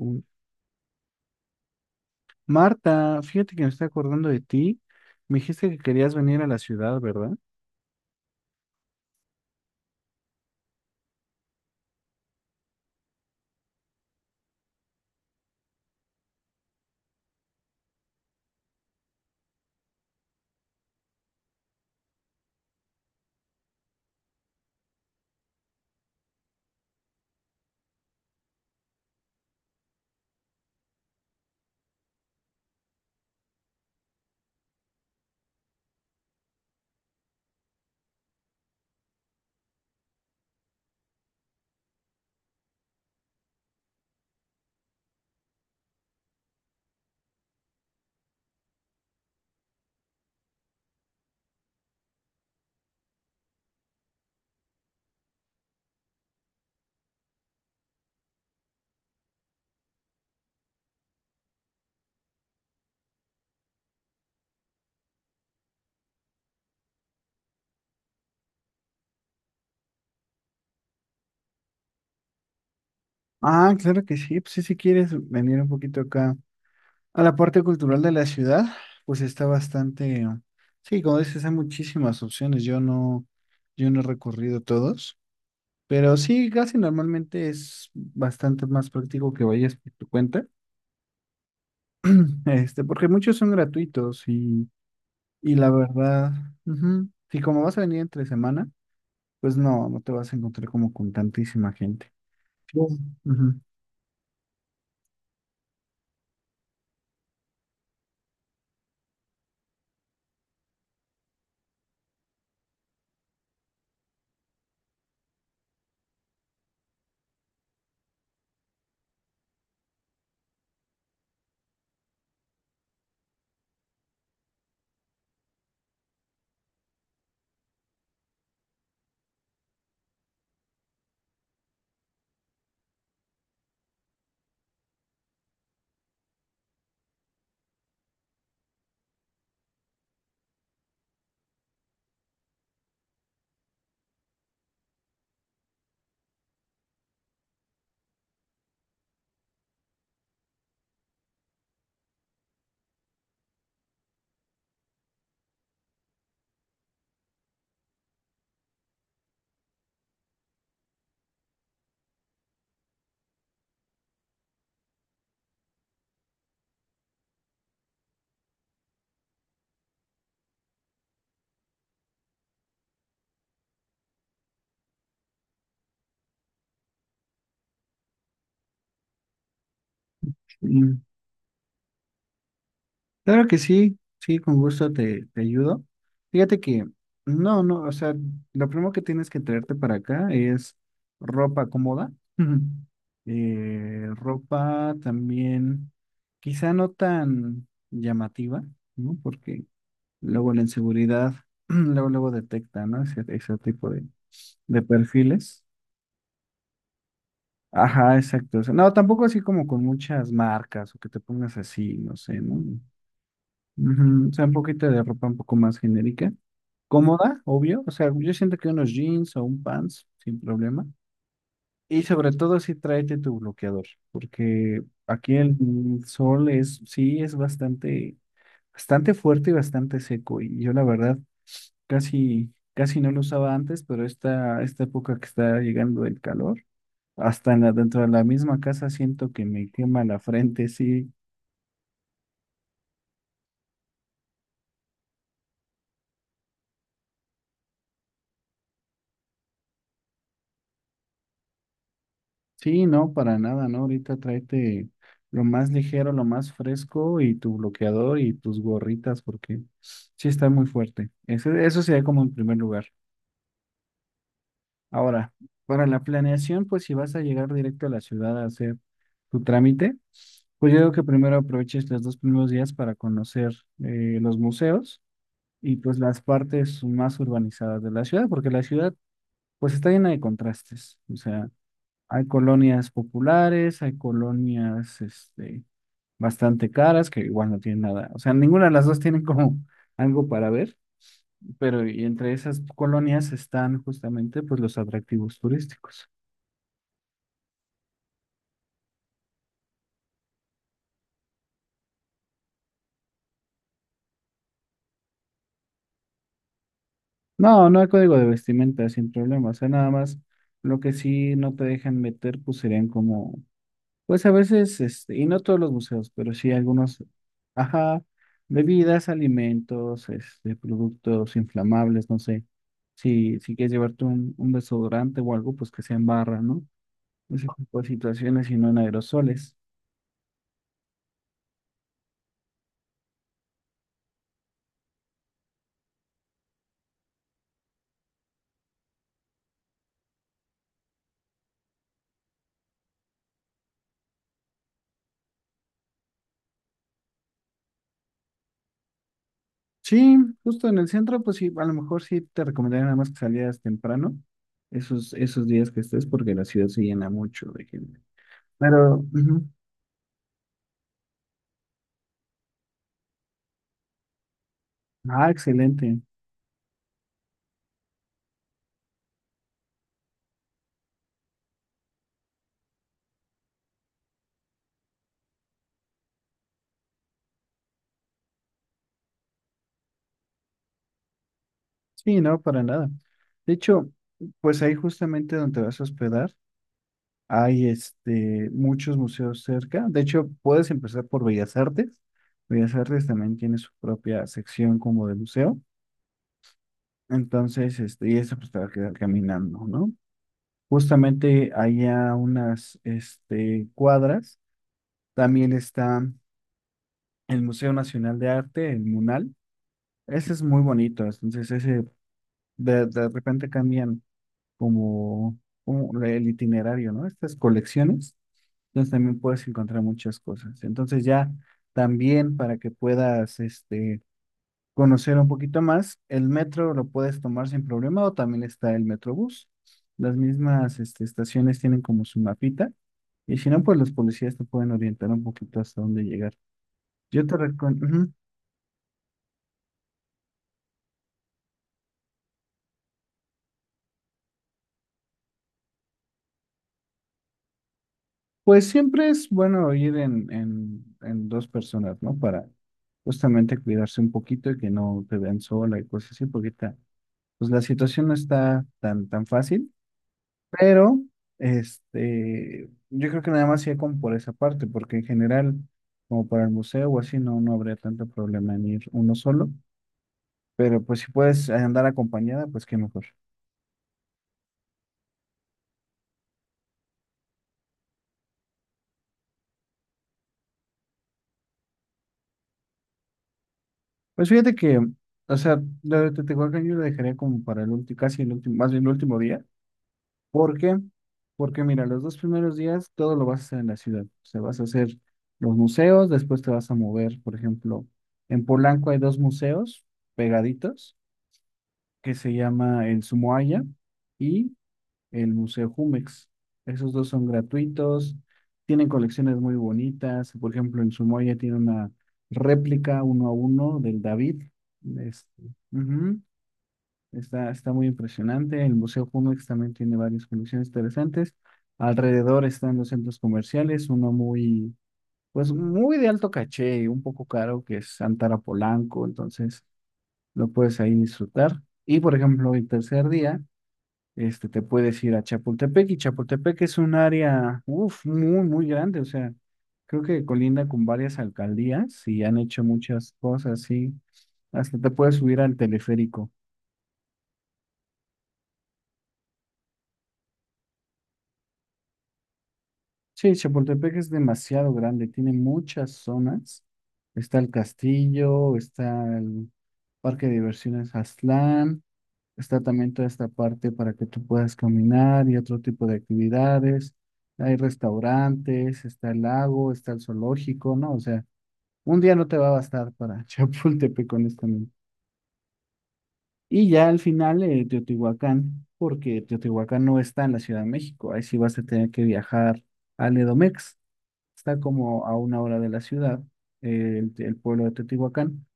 Mm. Marta, fíjate que me estoy acordando de ti. Me dijiste que querías venir a la ciudad, ¿verdad? Ah, claro que sí. Pues sí, si quieres venir un poquito acá a la parte cultural de la ciudad, pues está bastante. Sí, como dices, hay muchísimas opciones. Yo no he recorrido todos, pero sí, casi normalmente es bastante más práctico que vayas por tu cuenta, este, porque muchos son gratuitos y la verdad, ujú. Si como vas a venir entre semana, pues no, no te vas a encontrar como con tantísima gente. Ujú. Ujú. Y claro que sí, sí, con gusto te ayudo. Fíjate que, no, no, o sea, lo primero que tienes que traerte para acá es ropa cómoda. Ujú. Ropa también quizá no tan llamativa, ¿no? Porque luego la inseguridad, luego, luego detecta, ¿no?, ese tipo de, perfiles. Ajá, exacto. O sea, no, tampoco así como con muchas marcas o que te pongas así, no sé, ¿no? Ujú. O sea, un poquito de ropa un poco más genérica. Cómoda, obvio. O sea, yo siento que unos jeans o un pants, sin problema. Y sobre todo si tráete tu bloqueador, porque aquí el sol es, sí, es bastante, bastante fuerte y bastante seco. Y yo la verdad casi, casi no lo usaba antes, pero esta época que está llegando el calor, hasta en dentro de la misma casa siento que me quema la frente, sí, sí, no, para nada, ¿no? Ahorita tráete lo más ligero, lo más fresco y tu bloqueador y tus gorritas porque sí está muy fuerte. Eso sería como en primer lugar. Ahora, para la planeación, pues si vas a llegar directo a la ciudad a hacer tu trámite, pues yo digo que primero aproveches los dos primeros días para conocer los museos y pues las partes más urbanizadas de la ciudad, porque la ciudad pues está llena de contrastes. O sea, hay colonias populares, hay colonias, este, bastante caras, que igual no tienen nada. O sea, ninguna de las dos tienen como algo para ver, pero y entre esas colonias están justamente, pues, los atractivos turísticos. No, no hay código de vestimenta, sin problema. O sea, nada más lo que sí no te dejan meter, pues serían como... Pues a veces, este, y no todos los museos, pero sí algunos, ajá, bebidas, alimentos, este, productos inflamables, no sé. Si quieres llevarte un, desodorante o algo, pues que sea en barra, ¿no? Ese tipo de situaciones y no en aerosoles. Sí, justo en el centro, pues sí, a lo mejor sí te recomendaría nada más que salieras temprano, esos días que estés, porque la ciudad se llena mucho de gente. Pero, ujú. Ah, excelente. Sí, no, para nada. De hecho, pues ahí justamente donde vas a hospedar, hay este, muchos museos cerca. De hecho, puedes empezar por Bellas Artes. Bellas Artes también tiene su propia sección como de museo. Entonces, este, y eso pues te va a quedar caminando, ¿no? Justamente allá unas este, cuadras, también está el Museo Nacional de Arte, el MUNAL. Ese es muy bonito. Entonces, ese de repente cambian como, como el itinerario, ¿no?, estas colecciones, entonces también puedes encontrar muchas cosas. Entonces ya también para que puedas este, conocer un poquito más, el metro lo puedes tomar sin problema o también está el Metrobús. Las mismas este, estaciones tienen como su mapita y si no, pues los policías te pueden orientar un poquito hasta dónde llegar. Yo te recomiendo... Pues siempre es bueno ir en dos personas, ¿no? Para justamente cuidarse un poquito y que no te vean sola y cosas así, porque pues la situación no está tan, tan fácil, pero este, yo creo que nada más iría como por esa parte, porque en general, como para el museo o así, no, no habría tanto problema en ir uno solo, pero pues si puedes andar acompañada, pues qué mejor. Pues fíjate que, o sea, lo de Teotihuacán yo lo dejaría como para el último, casi el último, más bien el último día. ¿Por qué? Porque mira, los dos primeros días todo lo vas a hacer en la ciudad. O sea, vas a hacer los museos, después te vas a mover. Por ejemplo, en Polanco hay dos museos pegaditos que se llama el Sumoaya y el Museo Jumex. Esos dos son gratuitos, tienen colecciones muy bonitas. Por ejemplo, el Sumoaya tiene una réplica uno a uno del David. Este, ujú. Está muy impresionante. El Museo Jumex también tiene varias colecciones interesantes. Alrededor están los centros comerciales, uno muy, pues muy de alto caché y un poco caro, que es Antara Polanco, entonces lo puedes ahí disfrutar. Y por ejemplo, el tercer día, este, te puedes ir a Chapultepec y Chapultepec es un área, uf, muy, muy grande, o sea, creo que colinda con varias alcaldías y han hecho muchas cosas, sí. Hasta te puedes subir al teleférico. Sí, Chapultepec es demasiado grande, tiene muchas zonas. Está el castillo, está el parque de diversiones Aztlán, está también toda esta parte para que tú puedas caminar y otro tipo de actividades. Hay restaurantes, está el lago, está el zoológico, ¿no? O sea, un día no te va a bastar para Chapultepec, honestamente. Y ya al final, Teotihuacán, porque Teotihuacán no está en la Ciudad de México, ahí sí vas a tener que viajar al Edomex. Está como a una hora de la ciudad, el pueblo de Teotihuacán.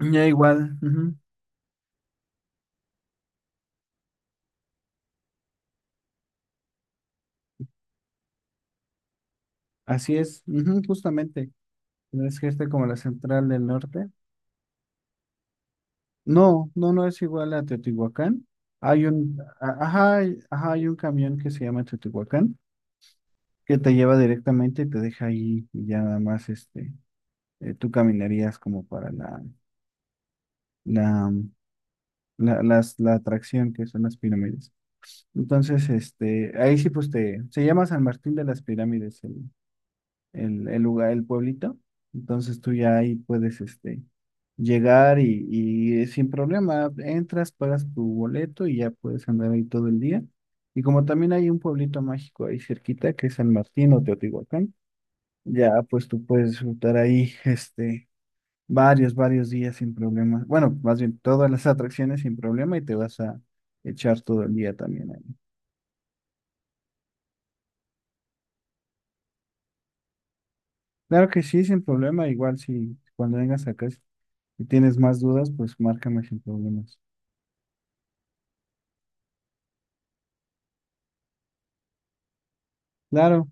Ya igual, ujú. Así es, ujú, justamente. No Es que está como la central del norte. No, no, no es igual a Teotihuacán. Hay un, a- ajá, hay un camión que se llama Teotihuacán que te lleva directamente y te deja ahí y ya nada más este, tú caminarías como para la, la atracción que son las pirámides. Entonces, este, ahí sí, pues se llama San Martín de las Pirámides, el lugar, el pueblito. Entonces tú ya ahí puedes este, llegar y sin problema entras, pagas tu boleto y ya puedes andar ahí todo el día. Y como también hay un pueblito mágico ahí cerquita que es San Martín o Teotihuacán, ya pues tú puedes disfrutar ahí este, varios días sin problema. Bueno, más bien todas las atracciones sin problema y te vas a echar todo el día también ahí. Claro que sí, sin problema. Igual cuando vengas acá, si tienes más dudas, pues márcame sin problemas. Claro.